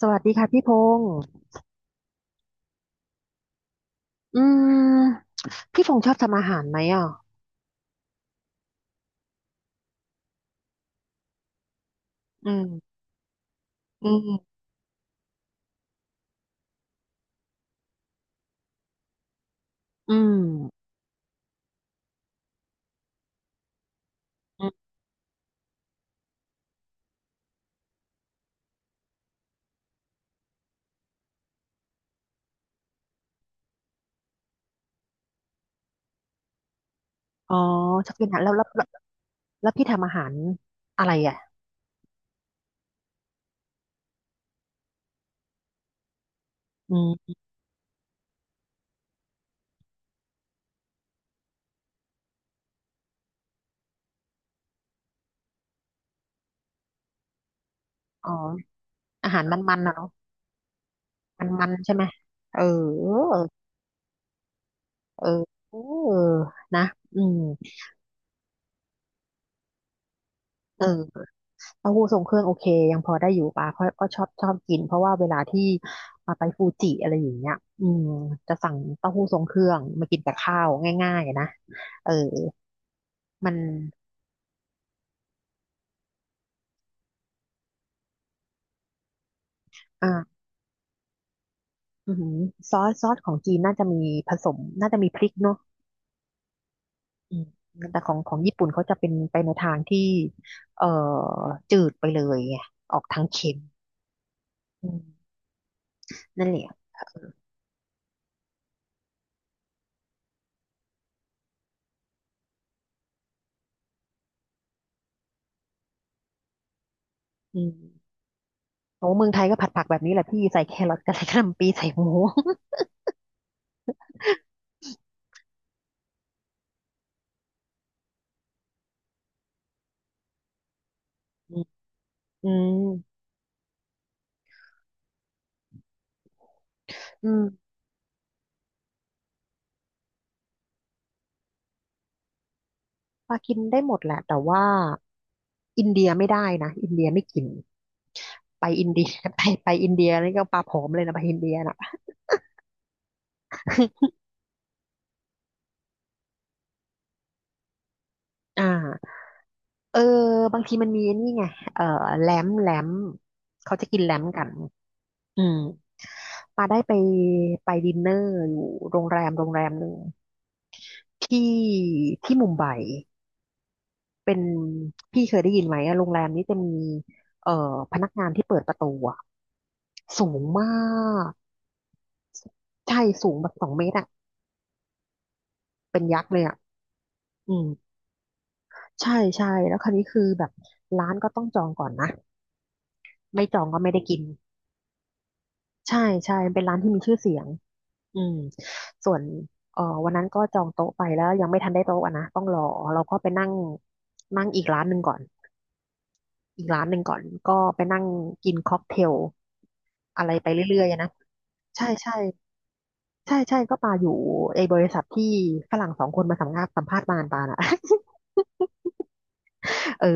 สวัสดีค่ะพี่พงษ์อืมพี่พงษ์ชอบทำอาหารไหมอ่ะอืมอืมอืมอมอ๋อชอบกินอาหารแล้วพี่ทำอาหารอะไรอ่ะอืมอ๋ออาหารมันๆนะเนาะมันๆใช่ไหมเออเออเออนะอืมเออเต้าหู้ทรงเครื่องโอเคยังพอได้อยู่ปะเพราะก็ชอบกินเพราะว่าเวลาที่ไปฟูจิอะไรอย่างเงี้ยอืมจะสั่งเต้าหู้ทรงเครื่องมากินกับข้าวง่ายๆนะเออมัน อ่าอือหือซอสของจีนน่าจะมีผสมน่าจะมีพริกเนาะอืมแต่ของญี่ปุ่นเขาจะเป็นไปในทางที่เอ่อจืดไปเลยไงออกทางเค็มอืมนั่นแหละเอออืมโอ้เมืองไทยก็ผัดผักแบบนี้แหละพี่ใส่แครอทกับใส่กะหล่ำปีใส่หมูอืมอืมอืมปลากินได้หมดแหละแต่ว่าอินเดียไม่ได้นะอินเดียไม่กินไปอินเดีย ไปอินเดียนี่ก็ปลาผอมเลยนะไปอินเดียน่ะอ่า เออบางทีมันมีนี่ไงเออแหลมแหลมเขาจะกินแหลมกันอืมปาได้ไปไปดินเนอร์อยู่โรงแรมโรงแรมหนึ่งที่ที่มุมไบเป็นพี่เคยได้ยินไหมอะโรงแรมนี้จะมีเอ่อพนักงานที่เปิดประตูอะสูงมากใช่สูงแบบ2 เมตรอะเป็นยักษ์เลยอะอืมใช่ใช่แล้วคราวนี้คือแบบร้านก็ต้องจองก่อนนะไม่จองก็ไม่ได้กินใช่ใช่เป็นร้านที่มีชื่อเสียง อืมส่วนวันนั้นก็จองโต๊ะไปแล้วยังไม่ทันได้โต๊ะอะนะต้องรอเราก็ไปนั่งนั่งอีกร้านหนึ่งก่อนอีกร้านหนึ่งก่อนก็ไปนั่งกินค็อกเทลอะไรไปเรื่อยๆอะนะใช่ใช่ใช่ใช่ก็ปาอยู่ไอ้บริษัทที่ฝรั่งสองคนมาสัมภาษณ์สัมภาษณ์มานปาน่ะ เออ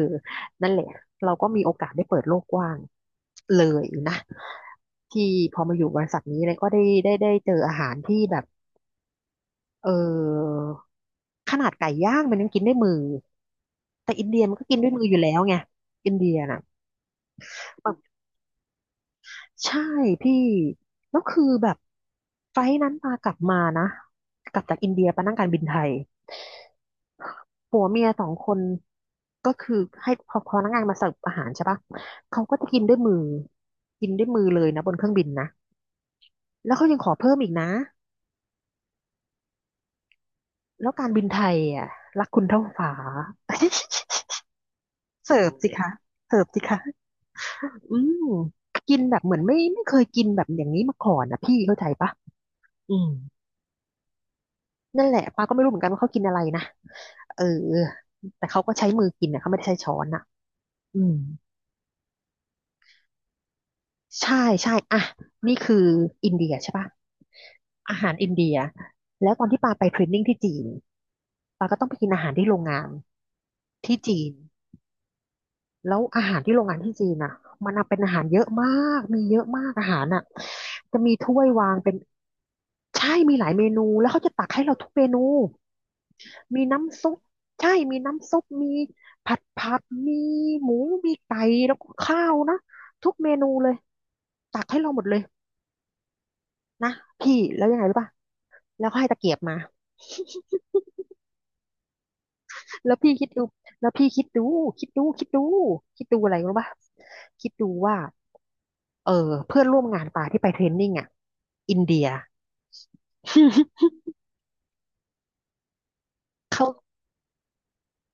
นั่นแหละเราก็มีโอกาสได้เปิดโลกกว้างเลยนะที่พอมาอยู่บริษัทนี้เลยก็ได้เจออาหารที่แบบ เออขนาดไก่ย่างมันยังกินด้วยมือแต่อินเดียมันก็กินด้วยมืออยู่แล้วไงอินเดียน่ะแบบใช่พี่แล้วคือแบบไฟล์นั้นมากลับมานะกลับจากอินเดียไปนั่งการบินไทยผัวเมียสองคนก็คือให้พอพนักงานมาเสิร์ฟอาหารใช่ปะเขาก็จะกินด้วยมือกินด้วยมือเลยนะบนเครื่องบินนะแล้วเขายังขอเพิ่มอีกนะแล้วการบินไทยอ่ะรักคุณเท่าฟ้า เสิร์ฟสิคะเสิร์ฟสิคะ อืมกินแบบเหมือนไม่เคยกินแบบอย่างนี้มาก่อนนะพี่เข้าใจปะอืมนั่นแหละป้าก็ไม่รู้เหมือนกันว่าเขากินอะไรนะเออแต่เขาก็ใช้มือกินนะเขาไม่ได้ใช้ช้อนอ่ะอืมใช่ใช่อ่ะนี่คืออินเดียใช่ปะอาหารอินเดียแล้วตอนที่ปาไปเทรนนิ่งที่จีนปาก็ต้องไปกินอาหารที่โรงงานที่จีน แล้วอาหารที่โรงงานที่จีนอ่ะมันอะเป็นอาหารเยอะมากมีเยอะมากอาหารอ่ะจะมีถ้วยวางเป็นใช่มีหลายเมนูแล้วเขาจะตักให้เราทุกเมนูมีน้ำซุปใช่มีน้ำซุปมีผัดผักมีหมูมีไก่แล้วก็ข้าวนะทุกเมนูเลยตักให้เราหมดเลยนะพี่แล้วยังไงรู้ป่ะแล้วก็ให้ตะเกียบมา แล้วพี่คิดดูแล้วพี่คิดดูคิดดูคิดดูคิดดูอะไรรู้ป่ะคิดดูว่า เออเพื่อนร่วมงานปาที่ไปเทรนนิ่งอ่ะอินเดีย เขา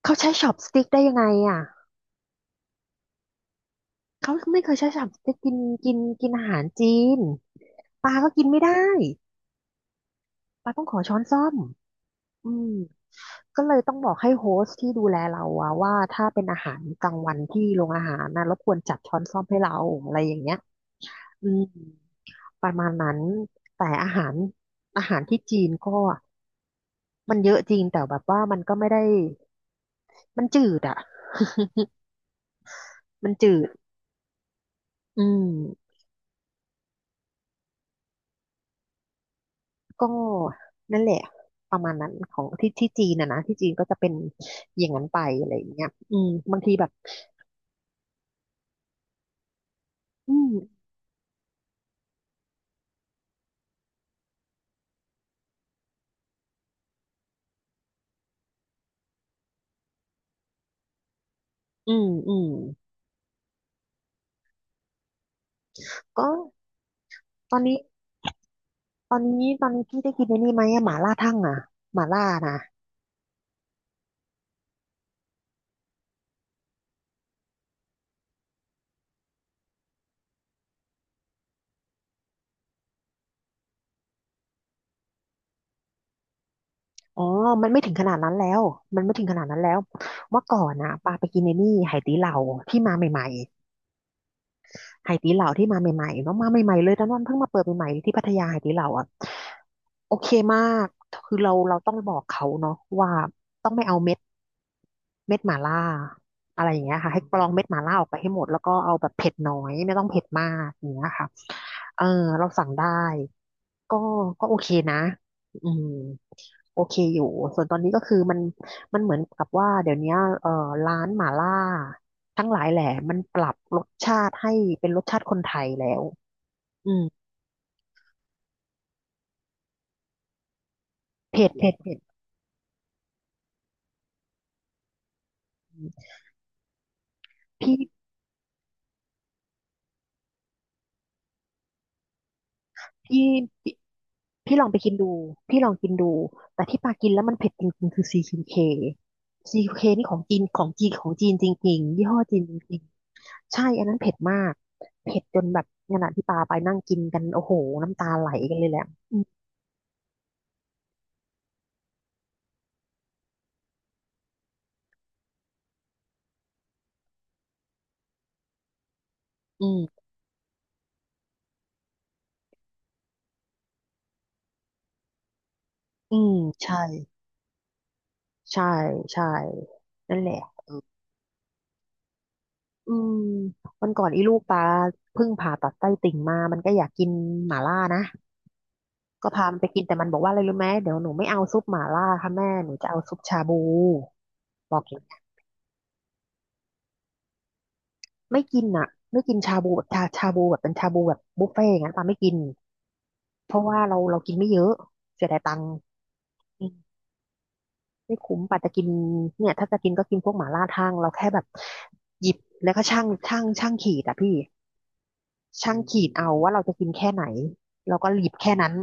เขาใช้ช็อปสติ๊กได้ยังไงอ่ะเขาไม่เคยใช้ช็อปสติ๊กกินกินกินอาหารจีนปาก็กินไม่ได้ปาต้องขอช้อนส้อมอืมก็เลยต้องบอกให้โฮสต์ที่ดูแลเราอะว่าถ้าเป็นอาหารกลางวันที่โรงอาหารนะรบกวนจัดช้อนส้อมให้เราอะไรอย่างเงี้ยอืมประมาณนั้นแต่อาหารอาหารที่จีนก็มันเยอะจริงแต่แบบว่ามันก็ไม่ได้มันจืดอะ มันจืดอืมก็นั่นแหละประมาณนั้นของที่ที่จีนนะนะที่จีนก็จะเป็นอย่างนั้นไปอะไรอย่างเงี้ยอืมบางทีแบบอืมอืมอืมก็ตอนนี้ตอนนี้พี่ได้กินในนี่ไหมอะหม่าล่าทั่งอะหม่าล่านะอ๋อมันไม่ถึงขนาดนั้นแล้วมันไม่ถึงขนาดนั้นแล้วเมื่อก่อนนะปาไปกินใน้นี่ไหตี้เหล่าที่มาใหม่ๆ ไหตีเหลาที่มาใหม่ๆเนาะมาใหม่ๆเลยตอนนั้นเพิ่งมาเปิดใหม่ๆที่พัทยาไหตีเหลาอ่ะโอเคมากคือเราต้องบอกเขาเนาะว่าต้องไม่เอาเม็ดเม็ดหม่าล่าอะไรอย่างเงี้ยค่ะให้กรองเม็ดหม่าล่าออกไปให้หมดแล้วก็เอาแบบเผ็ดน้อยไม่ต้องเผ็ดมากอย่างเงี้ยค่ะเออเราสั่งได้ก็ก็โอเคนะอืมโอเคอยู่ส่วนตอนนี้ก็คือมันเหมือนกับว่าเดี๋ยวเนี้ยร้านหม่าล่าทั้งหลายแหละมันปรับรสชาติให้เป็นรสชาติคนไทยแล้ว อืมเผ็ดเผ็ดเผ็ดพี่พี่พี่พี่ลองไปกินดูพี่ลองกินดูแต่ที่ปากินแล้วมันเผ็ดจริงๆคือซีคิวเคนี่ของจีนของจีนของจีนจริงๆยี่ห้อจีนจริงๆใช่อันนั้นเผ็ดมากเผ็ดจนแบบขณะที่ปาไปนั่งกินกันโอ้โหน้ำตาไหลกันเลยแหละอืมอืมอืมใช่ใช่ใช่นั่นแหละอืมวันก่อนอีลูกปาเพิ่งผ่าตัดไส้ติ่งมามันก็อยากกินหม่าล่านะ ก็พามันไปกินแต่มันบอกว่าอะไรรู้ไหมเดี๋ยวหนูไม่เอาซุปหม่าล่าค่ะแม่หนูจะเอาซุปชาบูบอกอย่างนี้ไม่กินอ่ะไม่กินชาบูแบบชาบูแบบเป็นชาบูแบบบุฟเฟ่ต์อย่างนั้นปาไม่กินเพราะว่าเรากินไม่เยอะเสียดายตังค์อืมไม่คุ้มปาจะกินเนี่ยถ้าจะกินก็กินพวกหม่าล่าทั่งเราแค่แบบหยิบแล้วก็ช่างขีดอ่ะพี่ ช่างขีดเอาว่าเราจะกินแค่ไหนเราก็หยิบแค่นั้น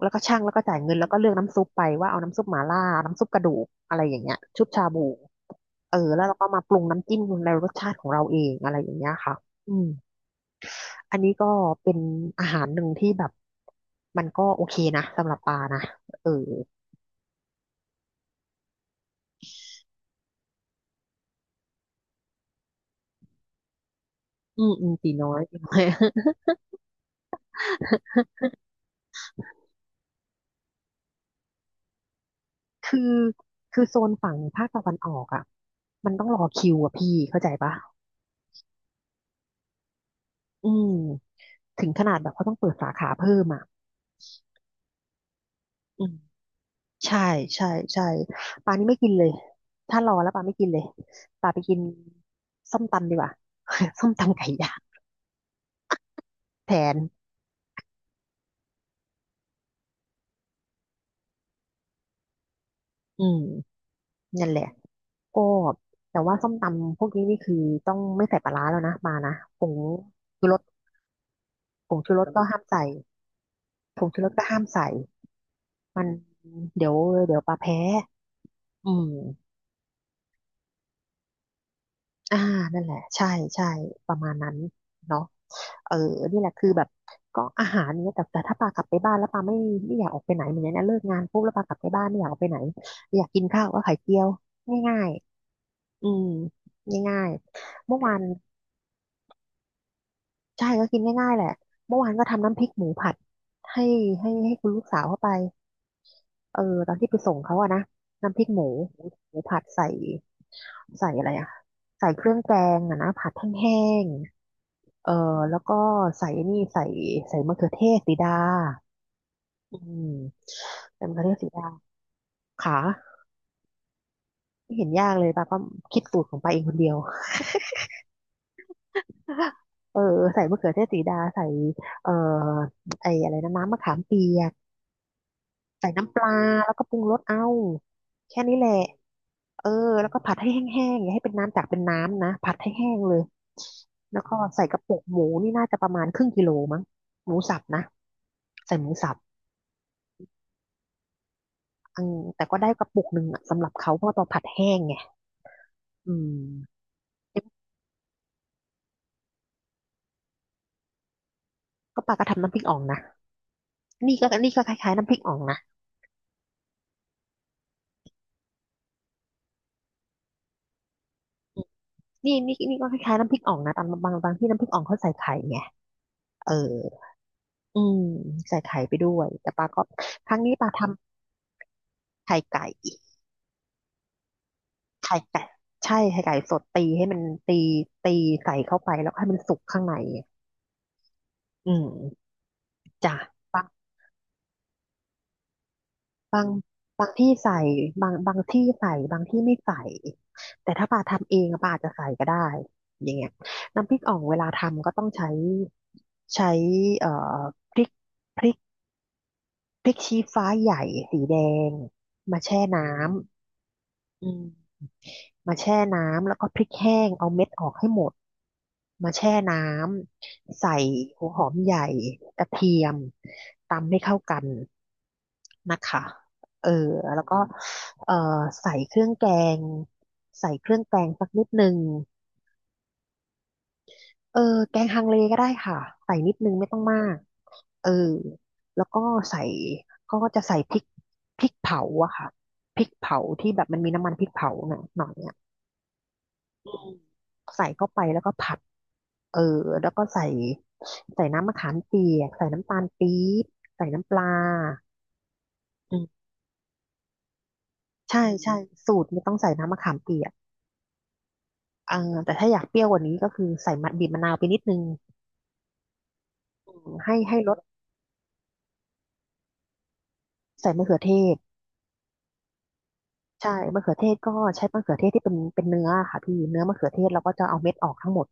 แล้วก็ช่างแล้วก็จ่ายเงินแล้วก็เลือกน้ำซุปไปว่าเอาน้ำซุปหม่าล่าน้ำซุปกระดูกอะไรอย่างเงี้ยชุบชาบูเออแล้วเราก็มาปรุงน้ำจิ้มในรสชาติของเราเองอะไรอย่างเงี้ยค่ะอืมอันนี้ก็เป็นอาหารหนึ่งที่แบบมันก็โอเคนะสำหรับปลานะเอออืมอืมตีน้อย ตีน้อย คือคือโซนฝั่งภาคตะวันออกอ่ะมันต้องรอคิวอ่ะพี่เข้าใจปะอืมถึงขนาดแบบเขาต้องเปิดสาขาเพิ่มอ่ะ อืมใช่ใช่ใช่ปลานี่ไม่กินเลยถ้ารอแล้วปลาไม่กินเลยปลาไปกินส้มตำดีกว่า ส้มตำไก่ย่างแทนอืมนั่นแหละก็แต่ว่าส้มตำพวกนี้นี่คือต้องไม่ใส่ปลาร้าแล้วนะปลานะผงชูรสผงชูรสก็ห้ามใส่ผงชูรสก็ห้ามใส่มันเดี๋ยวเดี๋ยวปลาแพ้อืม อ่านั่นแหละใช่ใช่ประมาณนั้นเนาะเออนี่แหละคือแบบก็อาหารเนี่ยแต่ถ้าปากลับไปบ้านแล้วปาไม่อยากออกไปไหนเหมือนเนี้ยนะเลิกงานปุ๊บแล้วปากลับไปบ้านไม่อยากออกไปไหนอยากกินข้าวก็ไข่เจียวง่ายๆอืมง่ายๆเมื่อวานใช่ก็กินง่ายๆแหละเมื่อวานก็ทำน้ำพริกหมูผัดให้ให้คุณลูกสาวเข้าไปเออตอนที่ไปส่งเขาอะนะน้ำพริกหมูหมูผัดใส่ใส่อะไรอะใส่เครื่องแกงอะนะผัดแห้ง เออแล้วก็ใส่นี่ใส่ใส่มะเขือเทศสีดาอืมใส่มะเขือเทศสีดาขาไม่เห็นยากเลยป้าก็คิดสูตรของป้าเองคนเดียว เออใส่มะเขือเทศสีดาใส่เอ่อไอ้อะไรนะน้ำมะขามเปียกใส่น้ำปลาแล้วก็ปรุงรสเอาแค่นี้แหละเออแล้วก็ผัดให้แห้งๆอย่าให้เป็นน้ำจากเป็นน้ำนะผัดให้แห้งเลยแล้วก็ใส่กระปุกหมูนี่น่าจะประมาณครึ่งกิโลมั้งหมูสับนะใส่หมูสับ อืมแต่ก็ได้กระปุกหนึ่งอะสำหรับเขาเพราะว่าเราผัดแห้งไงอืมก็ปลาก็ทำน้ำพริกอ่องนะนี่ก็นี่ก็คล้ายๆน้ำพริกอ่องนะนี่นี่ก็คล้ายๆน้ำพริกอ่องนะตามบางบางที่น้ำพริกอ่องเขาใส่ไข่ไงเอออืมใส่ไข่ไปด้วยแต่ปลาก็ครั้งนี้ปลาทำไข่ไก่ไข่ไก่ใช่ไข่ไก่สดตีให้มันตีตีใส่เข้าไปแล้วให้มันสุกข้างในอืมจ้ะ บางบางที่ใส่บางที่ใส่บางที่ไม่ใส่แต่ถ้าปาทำเองอะปาอาจจะใส่ก็ได้อย่างเงี้ยน้ำพริกอ่องเวลาทำก็ต้องใช้ใช้เอ่อพริกพริกพริกชี้ฟ้าใหญ่สีแดงมาแช่น้ำอืม มาแช่น้ำแล้วก็พริกแห้งเอาเม็ดออกให้หมดมาแช่น้ำใส่หัวหอมใหญ่กระเทียมตำให้เข้ากันนะคะเออแล้วก็เออใส่เครื่องแกงใส่เครื่องแกงสักนิดนึงเออแกงฮังเลก็ได้ค่ะใส่นิดนึงไม่ต้องมากเออแล้วก็ใส่ก็จะใส่พริกเผาอะค่ะพริกเผาที่แบบมันมีน้ำมันพริกเผาหน่อยหน่อย อืมใส่เข้าไปแล้วก็ผัดเออแล้วก็ใส่ใส่น้ำมะขามเปียกใส่น้ำตาลปี๊บใส่น้ำปลาอืมใช่ใช่สูตรไม่ต้องใส่น้ำมะขามเปียกเอ่าแต่ถ้าอยากเปรี้ยวกว่านี้ก็คือใส่มะบีบมะนาวไปนิดนึงอืมให้รสใส่มะเขือเทศใช่มะเขือเทศก็ใช้มะเขือเทศที่เป็นเนื้อค่ะพี่เนื้อมะเขือเทศเราก็จะเอาเม็ดออกทั้งหมด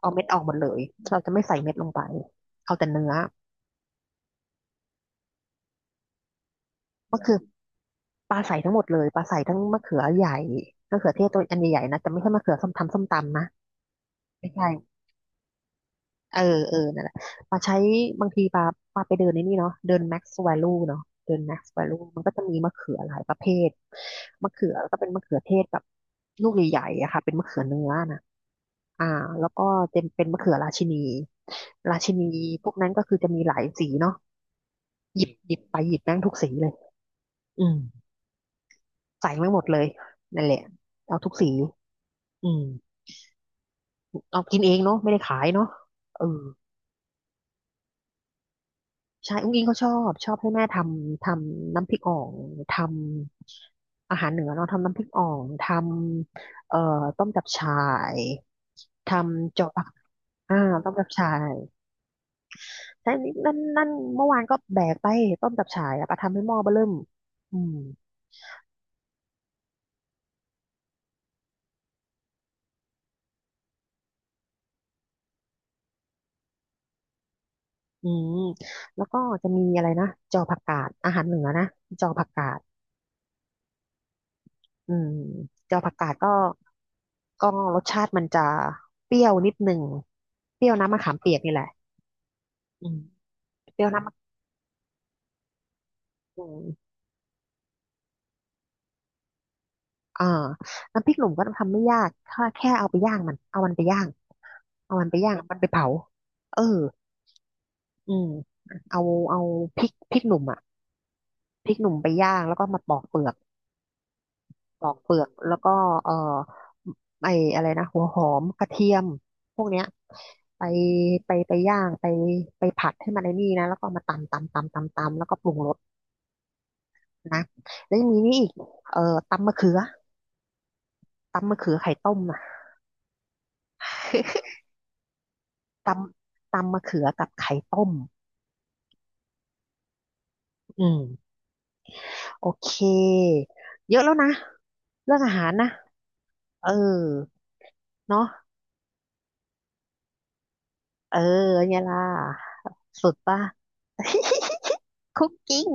เอาเม็ดออกหมดเลยเราจะไม่ใส่เม็ดลงไปเอาแต่เนื้อมะเขือ ปลาใสทั้งหมดเลยปลาใสทั้งมะเขือใหญ่มะเขือเทศตัวอันใหญ่ๆนะแต่ไม่ใช่มะเขือส้มทำส้มตำนะไม่ใช่เออเออนั่นแหละปลาใช้บางทีปลาปลาไปเดินในนี่เนาะเดิน Max Value เนาะเดิน Max Value มันก็จะมีมะเขือหลายประเภทมะเขือก็เป็นมะเขือเทศแบบลูกใหญ่ๆอะค่ะเป็นมะเขือเนื้อนะอ่าแล้วก็เป็นมะเขือราชินีราชินีพวกนั้นก็คือจะมีหลายสีเนาะหยิบไปหยิบแม่งทุกสีเลยอืมใส่แม่งหมดเลยนั่นแหละเอาทุกสีอืม เอากินเองเนาะไม่ได้ขายเนาะเออใช่อุ้งอิงเขาชอบให้แม่ทำทำน้ำพริกอ่องทำอาหารเหนือเนาะทำน้ำพริกอ่องทำต้มจับฉ่ายทำจาะปักอ่าต้มจับฉ่ายใช่นั่นนั่นเมื่อวานก็แบกไปต้มจับฉ่ายอะไปทำให้หม้อเบ้อเริ่มอืมอืมแล้วก็จะมีอะไรนะจอผักกาดอาหารเหนือนะจอผักกาด อืมเจ้าผักกาดก็ก็รสชาติมันจะเปรี้ยวนิดหนึ่งเปรี้ยวน้ำมะขามเปียกนี่แหละอืมเปรี้ยวน้ำมะอืมอ่าน้ำพริกหนุ่มก็ทำไม่ยากถ้าแค่เอาไปย่างมันเอามันไปย่างเอามันไปย่างมันไปเผาเอออืมเอาเอาพริกหนุ่มอ่ะพริกหนุ่มไปย่างแล้วก็มาปอกเปลือก ปอกเปลือกแล้วก็เอ่อไออะไรนะหัวหอมกระเทียมพวกเนี้ยไปไปไปย่างไปไปผัดให้มันไอ้นี่นะแล้วก็เอามาตำแล้วก็ปรุงรสนะแล้วยังมีนี่อีกตำมะเขือตำมะเขือไข่ต้มนะ ตตำมะเขือกับไข่ต้มอืมโอเคเยอะแล้วนะเรื่องอาหารนะเออเนาะเออเนี่ยล่ะสุดป่ะ คุกกิ้ง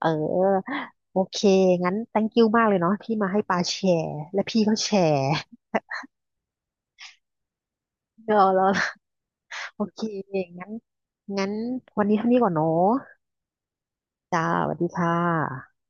เออโอเคงั้น thank you มากเลยเนาะที่มาให้ปาแชร์และพี่ก็แชร์ เออแล้วโอเคงั้นงั้นวันนี้เท่านี้ก่อนเนาะจ้าสวัสดีค่ะ